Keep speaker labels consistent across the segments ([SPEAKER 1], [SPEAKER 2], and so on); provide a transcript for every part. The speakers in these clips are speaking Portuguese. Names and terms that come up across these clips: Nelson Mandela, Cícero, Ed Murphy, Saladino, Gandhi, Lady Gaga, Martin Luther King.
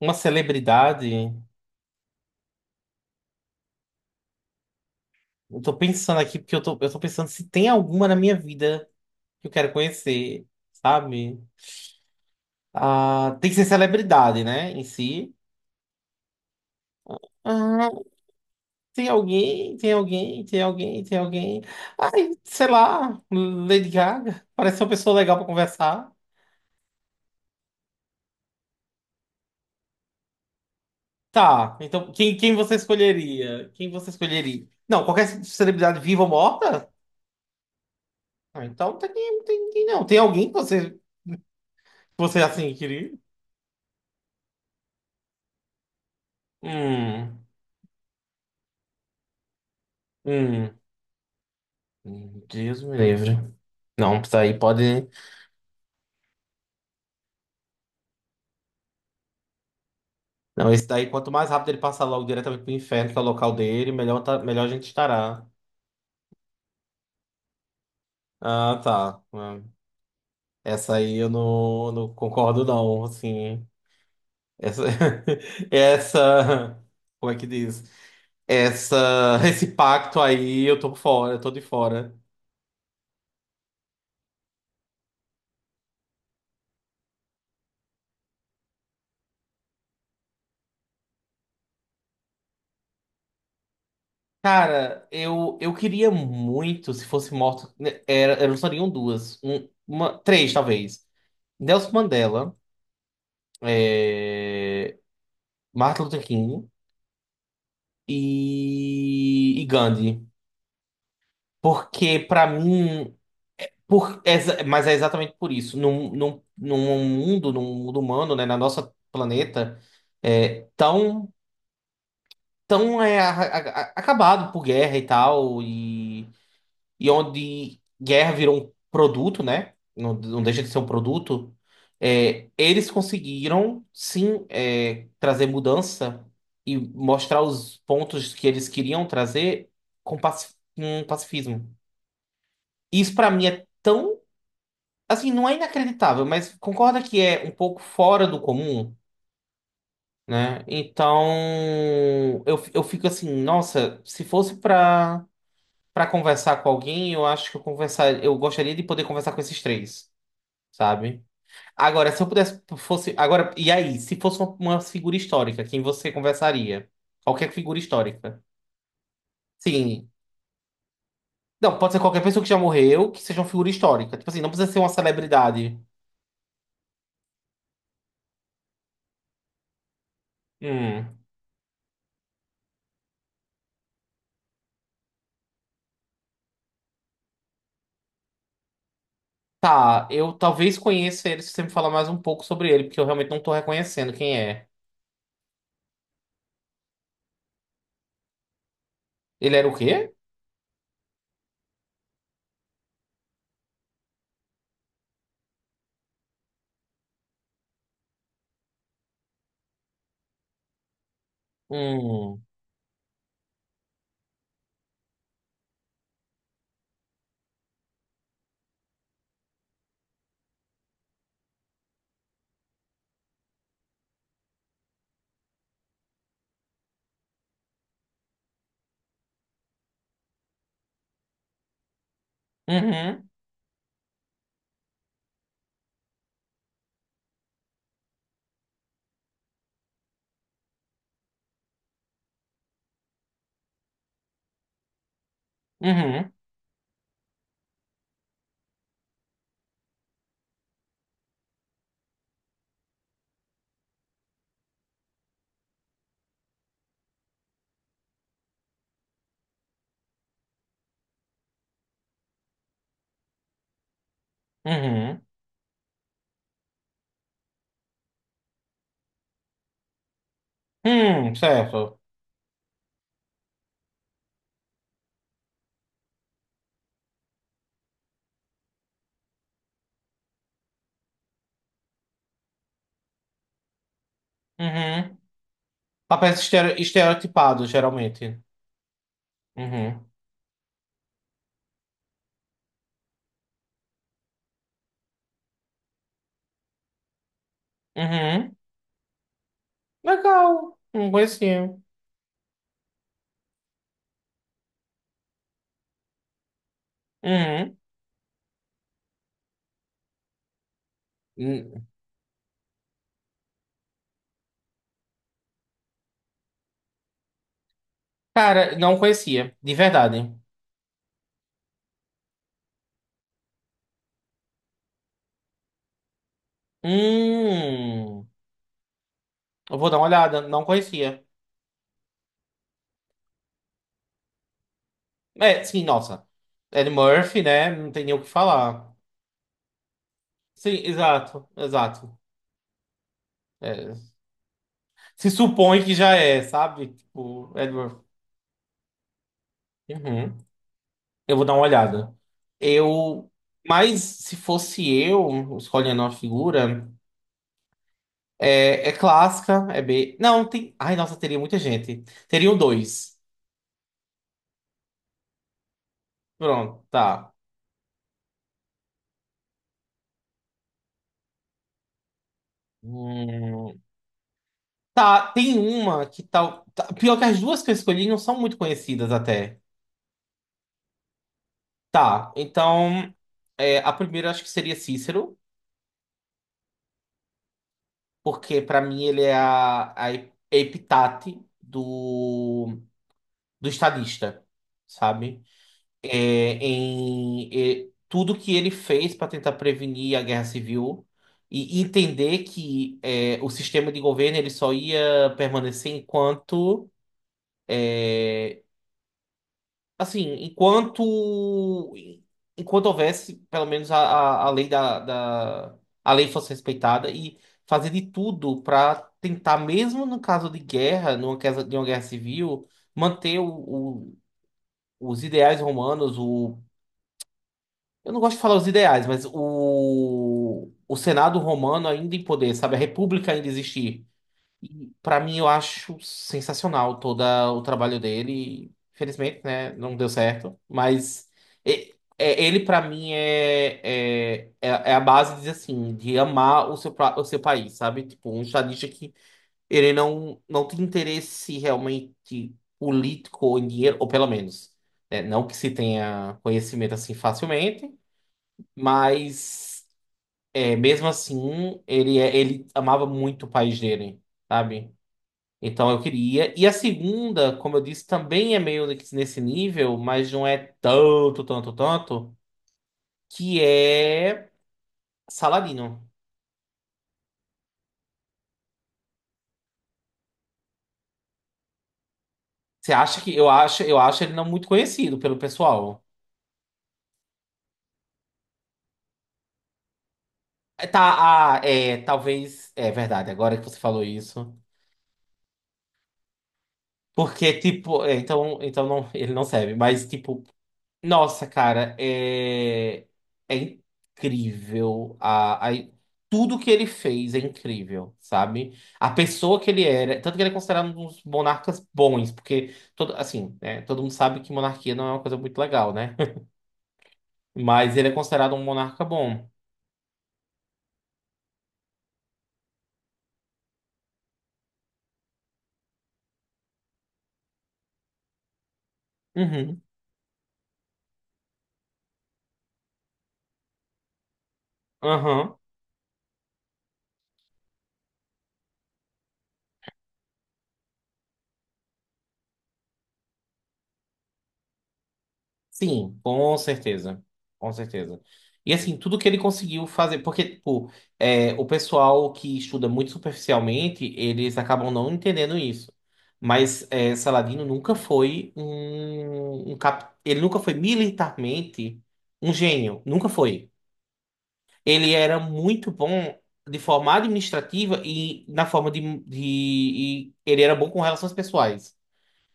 [SPEAKER 1] Uma celebridade. Eu tô pensando aqui, porque eu tô pensando se tem alguma na minha vida que eu quero conhecer, sabe? Ah, tem que ser celebridade, né? Em si. Ah, tem alguém, tem alguém, tem alguém, tem alguém. Ai, sei lá, Lady Gaga. Parece uma pessoa legal pra conversar. Tá, então quem você escolheria? Quem você escolheria? Não, qualquer celebridade viva ou morta? Ah, então tem, não. Tem alguém que você assim queria? Hum. Hum. Deus me livre. Não, isso daí pode. Não, esse daí, quanto mais rápido ele passar logo diretamente pro inferno, que é o local dele, melhor, tá, melhor a gente estará. Ah, tá. Ah, essa aí eu não concordo, não. Assim, essa essa. Como é que diz? Essa. Esse pacto aí, eu tô fora, eu tô de fora. Cara, eu queria muito, se fosse morto, né, era, eram só seriam duas, um, uma, três talvez. Nelson Mandela. é, Martin Luther King e Gandhi. Porque, pra mim, mas é exatamente por isso. Num mundo humano, né, na nossa planeta, tão, tão é, a- a- acabado por guerra e tal, e onde guerra virou um produto, né? Não, não deixa de ser um produto. Eles conseguiram, sim, trazer mudança e mostrar os pontos que eles queriam trazer com pacifismo. Isso, pra mim, é tão. Assim, não é inacreditável, mas concorda que é um pouco fora do comum, né? Então, eu fico assim, nossa, se fosse pra. Pra conversar com alguém, eu acho que eu gostaria de poder conversar com esses três, sabe? Agora, se eu pudesse fosse agora, e aí, se fosse uma figura histórica, quem você conversaria? Qualquer figura histórica. Sim. Não, pode ser qualquer pessoa que já morreu, que seja uma figura histórica. Tipo assim, não precisa ser uma celebridade. Hum. Tá, eu talvez conheça ele se você me falar mais um pouco sobre ele, porque eu realmente não tô reconhecendo quem é. Ele era o quê? Hum. Uhum. Uhum. Uhum. Certo. Uhum. Papéis estereotipados, geralmente. Uhum. Uhum. Legal. Não conhecia. Uhum. Hum. Cara, não conhecia, de verdade. Hum. Eu vou dar uma olhada, não conhecia. É, sim, nossa. Ed Murphy, né? Não tem nem o que falar. Sim, exato, exato. É, se supõe que já é, sabe? Tipo, Ed Murphy. Uhum. Eu vou dar uma olhada. Eu. Mas se fosse eu escolhendo uma figura. É, é clássica, é B. Não, tem. Ai, nossa, teria muita gente. Teriam dois. Pronto, tá. Hum, tá, tem uma que tal. Pior que as duas que eu escolhi não são muito conhecidas até. Tá, então. A primeira acho que seria Cícero, porque pra mim ele é a epitate do estadista, sabe? Tudo que ele fez para tentar prevenir a guerra civil e entender que o sistema de governo ele só ia permanecer enquanto assim enquanto enquanto houvesse pelo menos a lei da, da a lei fosse respeitada e fazer de tudo para tentar mesmo no caso de guerra numa casa de uma guerra civil manter o- os ideais romanos, o Eu não gosto de falar os ideais, mas o Senado romano ainda em poder, sabe? A República ainda existir. E para mim eu acho sensacional todo o trabalho dele. Infelizmente, né? Não deu certo. Mas ele para mim é a base, de dizer assim, de amar o seu país, sabe? Tipo, um estadista que ele não tem interesse realmente político ou em dinheiro, ou pelo menos, né? Não que se tenha conhecimento assim facilmente. Mas mesmo assim, ele amava muito o país dele, sabe? Então eu queria. E a segunda, como eu disse, também é meio que nesse nível, mas não é tanto, tanto, tanto, que é Saladino. Você acha que eu acho, ele não muito conhecido pelo pessoal. É, tá, ah, é, talvez é verdade, agora que você falou isso. Porque tipo, é, então não, ele não serve, mas tipo nossa, cara, é, é incrível. Tudo que ele fez é incrível, sabe? A pessoa que ele era, tanto que ele é considerado um dos monarcas bons, porque todo, assim, né, todo mundo sabe que monarquia não é uma coisa muito legal, né? Mas ele é considerado um monarca bom. Uhum, aham. Sim, com certeza. Com certeza. E assim, tudo que ele conseguiu fazer, porque, tipo, o pessoal que estuda muito superficialmente, eles acabam não entendendo isso. Mas Saladino nunca foi um cap, ele nunca foi militarmente um gênio. Nunca foi. Ele era muito bom de forma administrativa e na forma e ele era bom com relações pessoais.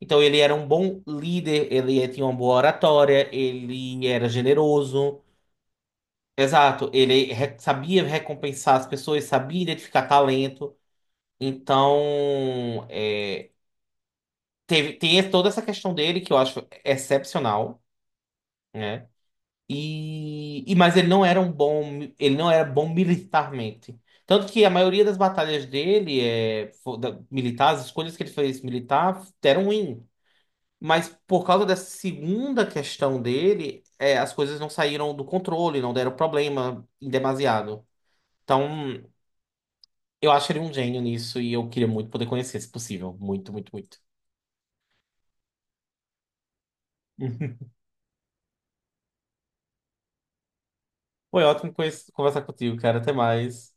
[SPEAKER 1] Então ele era um bom líder, ele tinha uma boa oratória, ele era generoso. Exato, ele sabia recompensar as pessoas, sabia identificar talento. Então, tem toda essa questão dele que eu acho excepcional, né? Mas ele não era um ele não era bom militarmente. Tanto que a maioria das batalhas dele é militares, as escolhas que ele fez militar deram ruim. Mas por causa dessa segunda questão dele, as coisas não saíram do controle, não deram problema em demasiado. Então, eu acho ele um gênio nisso e eu queria muito poder conhecer, se possível. Muito, muito, muito. Foi ótimo conversar contigo, cara. Até mais.